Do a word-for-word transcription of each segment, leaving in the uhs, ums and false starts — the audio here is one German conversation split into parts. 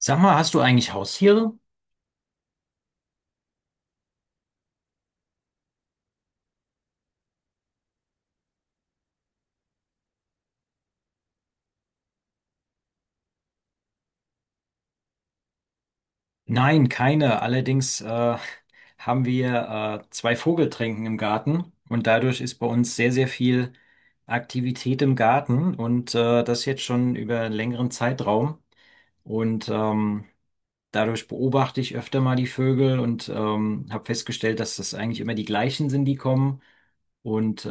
Sag mal, hast du eigentlich Haustiere? Nein, keine. Allerdings äh, haben wir äh, zwei Vogeltränken im Garten und dadurch ist bei uns sehr, sehr viel Aktivität im Garten und äh, das jetzt schon über einen längeren Zeitraum. Und ähm, Dadurch beobachte ich öfter mal die Vögel und ähm, habe festgestellt, dass das eigentlich immer die gleichen sind, die kommen. Und äh,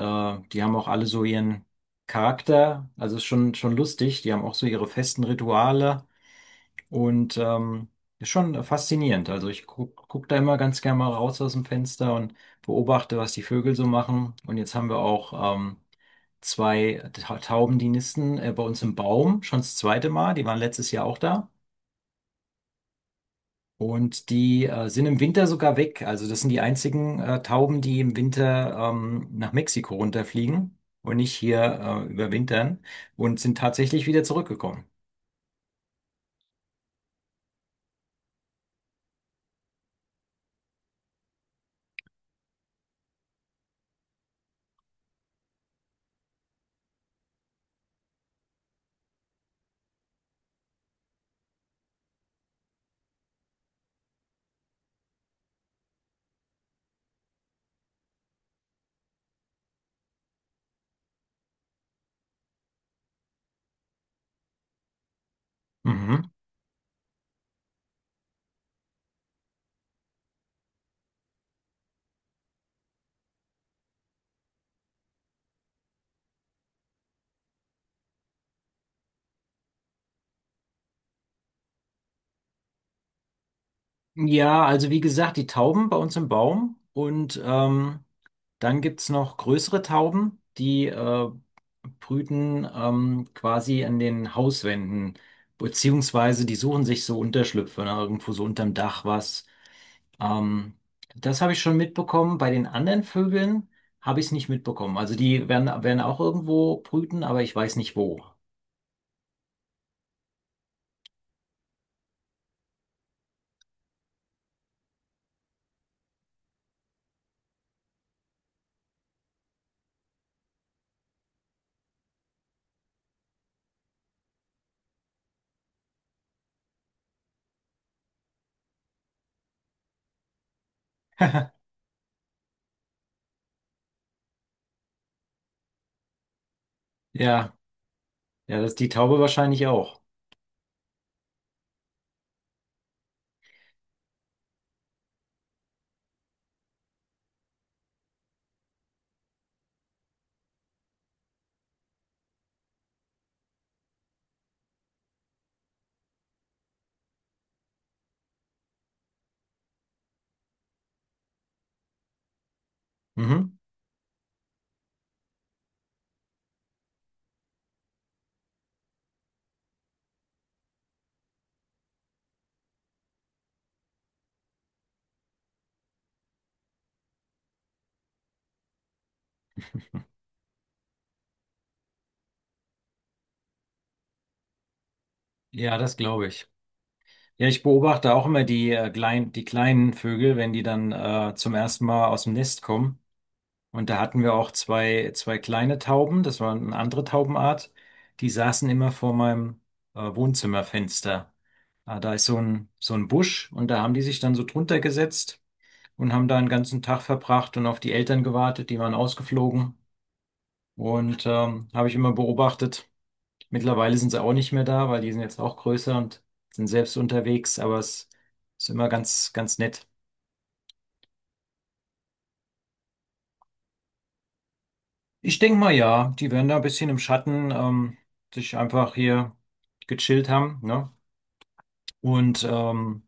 Die haben auch alle so ihren Charakter. Also ist schon, schon lustig. Die haben auch so ihre festen Rituale. Und ähm, Ist schon faszinierend. Also ich guck, guck da immer ganz gerne mal raus aus dem Fenster und beobachte, was die Vögel so machen. Und jetzt haben wir auch ähm, zwei Ta- Tauben, die nisten äh, bei uns im Baum, schon das zweite Mal. Die waren letztes Jahr auch da. Und die äh, sind im Winter sogar weg. Also das sind die einzigen äh, Tauben, die im Winter ähm, nach Mexiko runterfliegen und nicht hier äh, überwintern und sind tatsächlich wieder zurückgekommen. Mhm. Ja, also wie gesagt, die Tauben bei uns im Baum und ähm, dann gibt's noch größere Tauben, die äh, brüten ähm, quasi an den Hauswänden, beziehungsweise die suchen sich so Unterschlüpfe, ne, irgendwo so unterm Dach was. Ähm, Das habe ich schon mitbekommen. Bei den anderen Vögeln habe ich es nicht mitbekommen. Also die werden, werden auch irgendwo brüten, aber ich weiß nicht wo. Ja, ja, das ist die Taube wahrscheinlich auch. Mhm. Ja, das glaube ich. Ja, ich beobachte auch immer die, äh, klein, die kleinen Vögel, wenn die dann äh, zum ersten Mal aus dem Nest kommen. Und da hatten wir auch zwei, zwei kleine Tauben, das war eine andere Taubenart, die saßen immer vor meinem äh, Wohnzimmerfenster. Äh, da ist so ein, so ein Busch und da haben die sich dann so drunter gesetzt und haben da einen ganzen Tag verbracht und auf die Eltern gewartet, die waren ausgeflogen. Und ähm, habe ich immer beobachtet. Mittlerweile sind sie auch nicht mehr da, weil die sind jetzt auch größer und sind selbst unterwegs, aber es ist immer ganz, ganz nett. Ich denke mal, ja, die werden da ein bisschen im Schatten ähm, sich einfach hier gechillt haben, ne? Und ähm,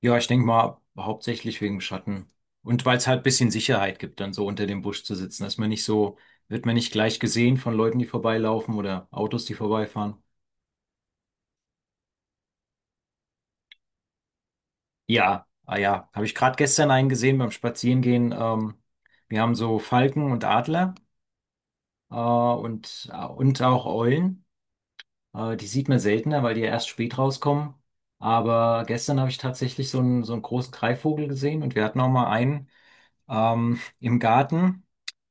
ja, ich denke mal, hauptsächlich wegen dem Schatten. Und weil es halt ein bisschen Sicherheit gibt, dann so unter dem Busch zu sitzen, dass man nicht so, wird man nicht gleich gesehen von Leuten, die vorbeilaufen oder Autos, die vorbeifahren. Ja, ah ja, habe ich gerade gestern einen gesehen beim Spazierengehen. Ähm, wir haben so Falken und Adler äh, und, äh, und auch Eulen. Äh, die sieht man seltener, weil die ja erst spät rauskommen. Aber gestern habe ich tatsächlich so einen, so einen großen Greifvogel gesehen und wir hatten auch mal einen ähm, im Garten,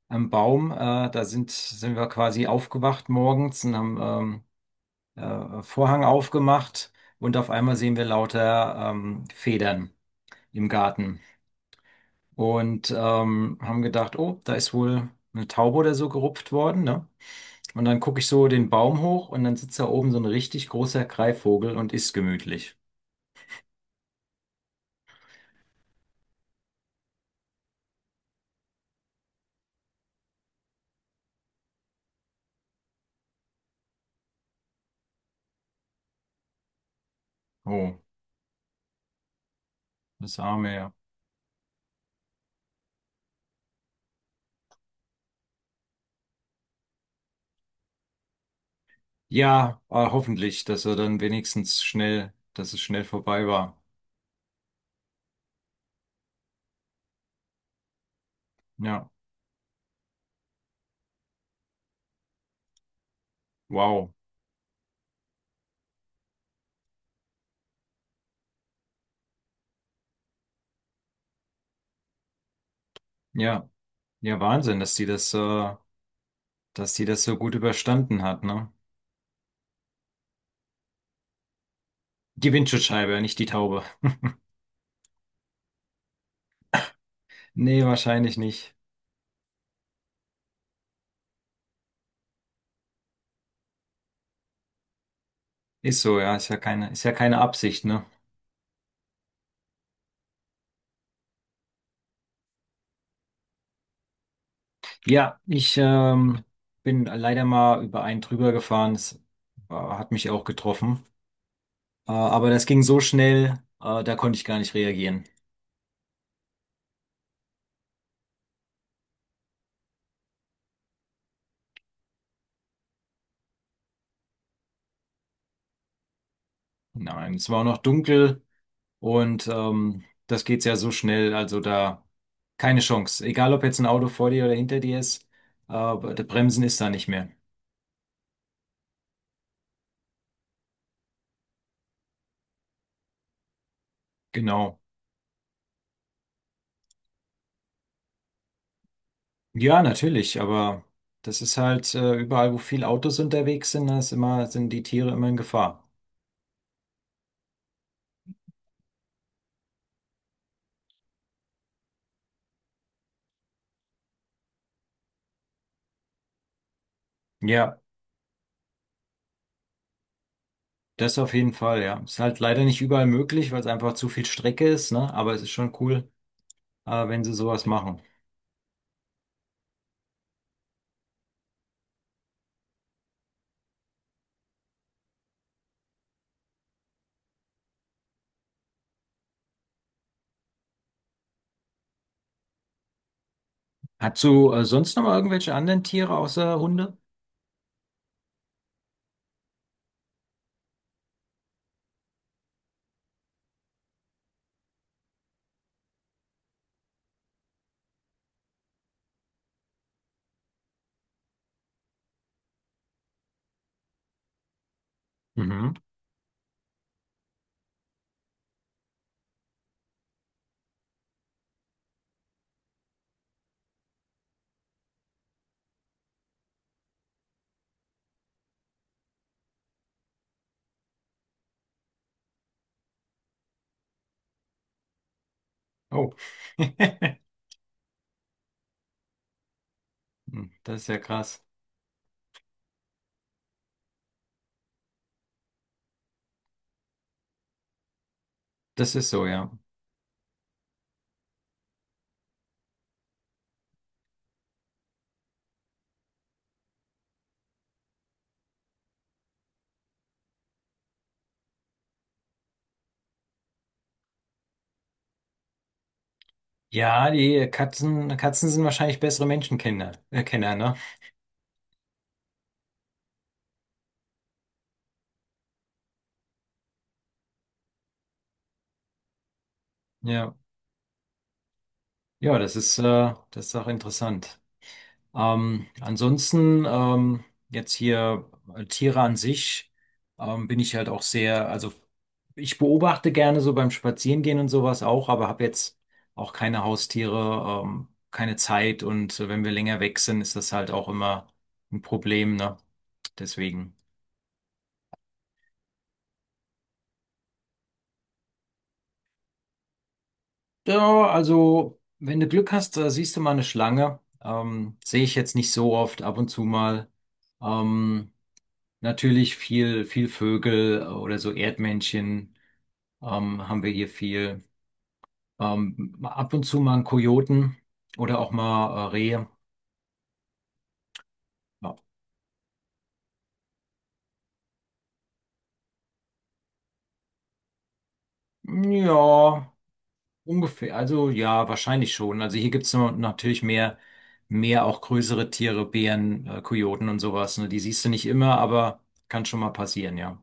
am Baum. Äh, da sind, sind wir quasi aufgewacht morgens und haben ähm, äh, Vorhang aufgemacht und auf einmal sehen wir lauter ähm, Federn im Garten. und ähm, haben gedacht, oh, da ist wohl eine Taube oder so gerupft worden, ne? Und dann gucke ich so den Baum hoch und dann sitzt da oben so ein richtig großer Greifvogel und isst gemütlich. Oh, das arme, ja. Ja, äh, hoffentlich, dass er dann wenigstens schnell, dass es schnell vorbei war. Ja, wow. Ja, ja, Wahnsinn, dass die das, äh, dass die das so gut überstanden hat, ne? Die Windschutzscheibe, nicht die Taube. Nee, wahrscheinlich nicht. Ist so, ja, ist ja keine, ist ja keine Absicht, ne? Ja, ich ähm, bin leider mal über einen drüber gefahren. Das äh, hat mich auch getroffen. Äh, aber das ging so schnell, äh, da konnte ich gar nicht reagieren. Nein, es war auch noch dunkel und ähm, das geht ja so schnell. Also da keine Chance. Egal, ob jetzt ein Auto vor dir oder hinter dir ist, äh, der Bremsen ist da nicht mehr. Genau. Ja, natürlich, aber das ist halt äh, überall, wo viele Autos unterwegs sind, da ist immer, sind die Tiere immer in Gefahr. Ja. Das auf jeden Fall, ja. Ist halt leider nicht überall möglich, weil es einfach zu viel Strecke ist, ne? Aber es ist schon cool, äh, wenn sie sowas machen. Hast du äh, sonst noch mal irgendwelche anderen Tiere außer Hunde? Mhm. Oh. Hm, das ist ja krass. Das ist so, ja. Ja, die Katzen, Katzen sind wahrscheinlich bessere Menschenkenner, äh, Kenner, ne? Ja. Ja, das ist, äh, das ist auch interessant. Ähm, ansonsten ähm, jetzt hier äh, Tiere an sich, ähm, bin ich halt auch sehr, also ich beobachte gerne so beim Spazierengehen und sowas auch, aber habe jetzt auch keine Haustiere, ähm, keine Zeit und äh, wenn wir länger weg sind, ist das halt auch immer ein Problem, ne? Deswegen. Ja, also wenn du Glück hast, äh, siehst du mal eine Schlange. Ähm, sehe ich jetzt nicht so oft, ab und zu mal. Ähm, Natürlich viel, viel Vögel oder so Erdmännchen ähm, haben wir hier viel. Ähm, mal ab und zu mal einen Kojoten oder auch mal äh, Rehe. Ja. Ja, ungefähr. Also ja, wahrscheinlich schon. Also hier gibt es natürlich mehr, mehr auch größere Tiere, Bären, äh, Kojoten und sowas. Ne? Die siehst du nicht immer, aber kann schon mal passieren, ja.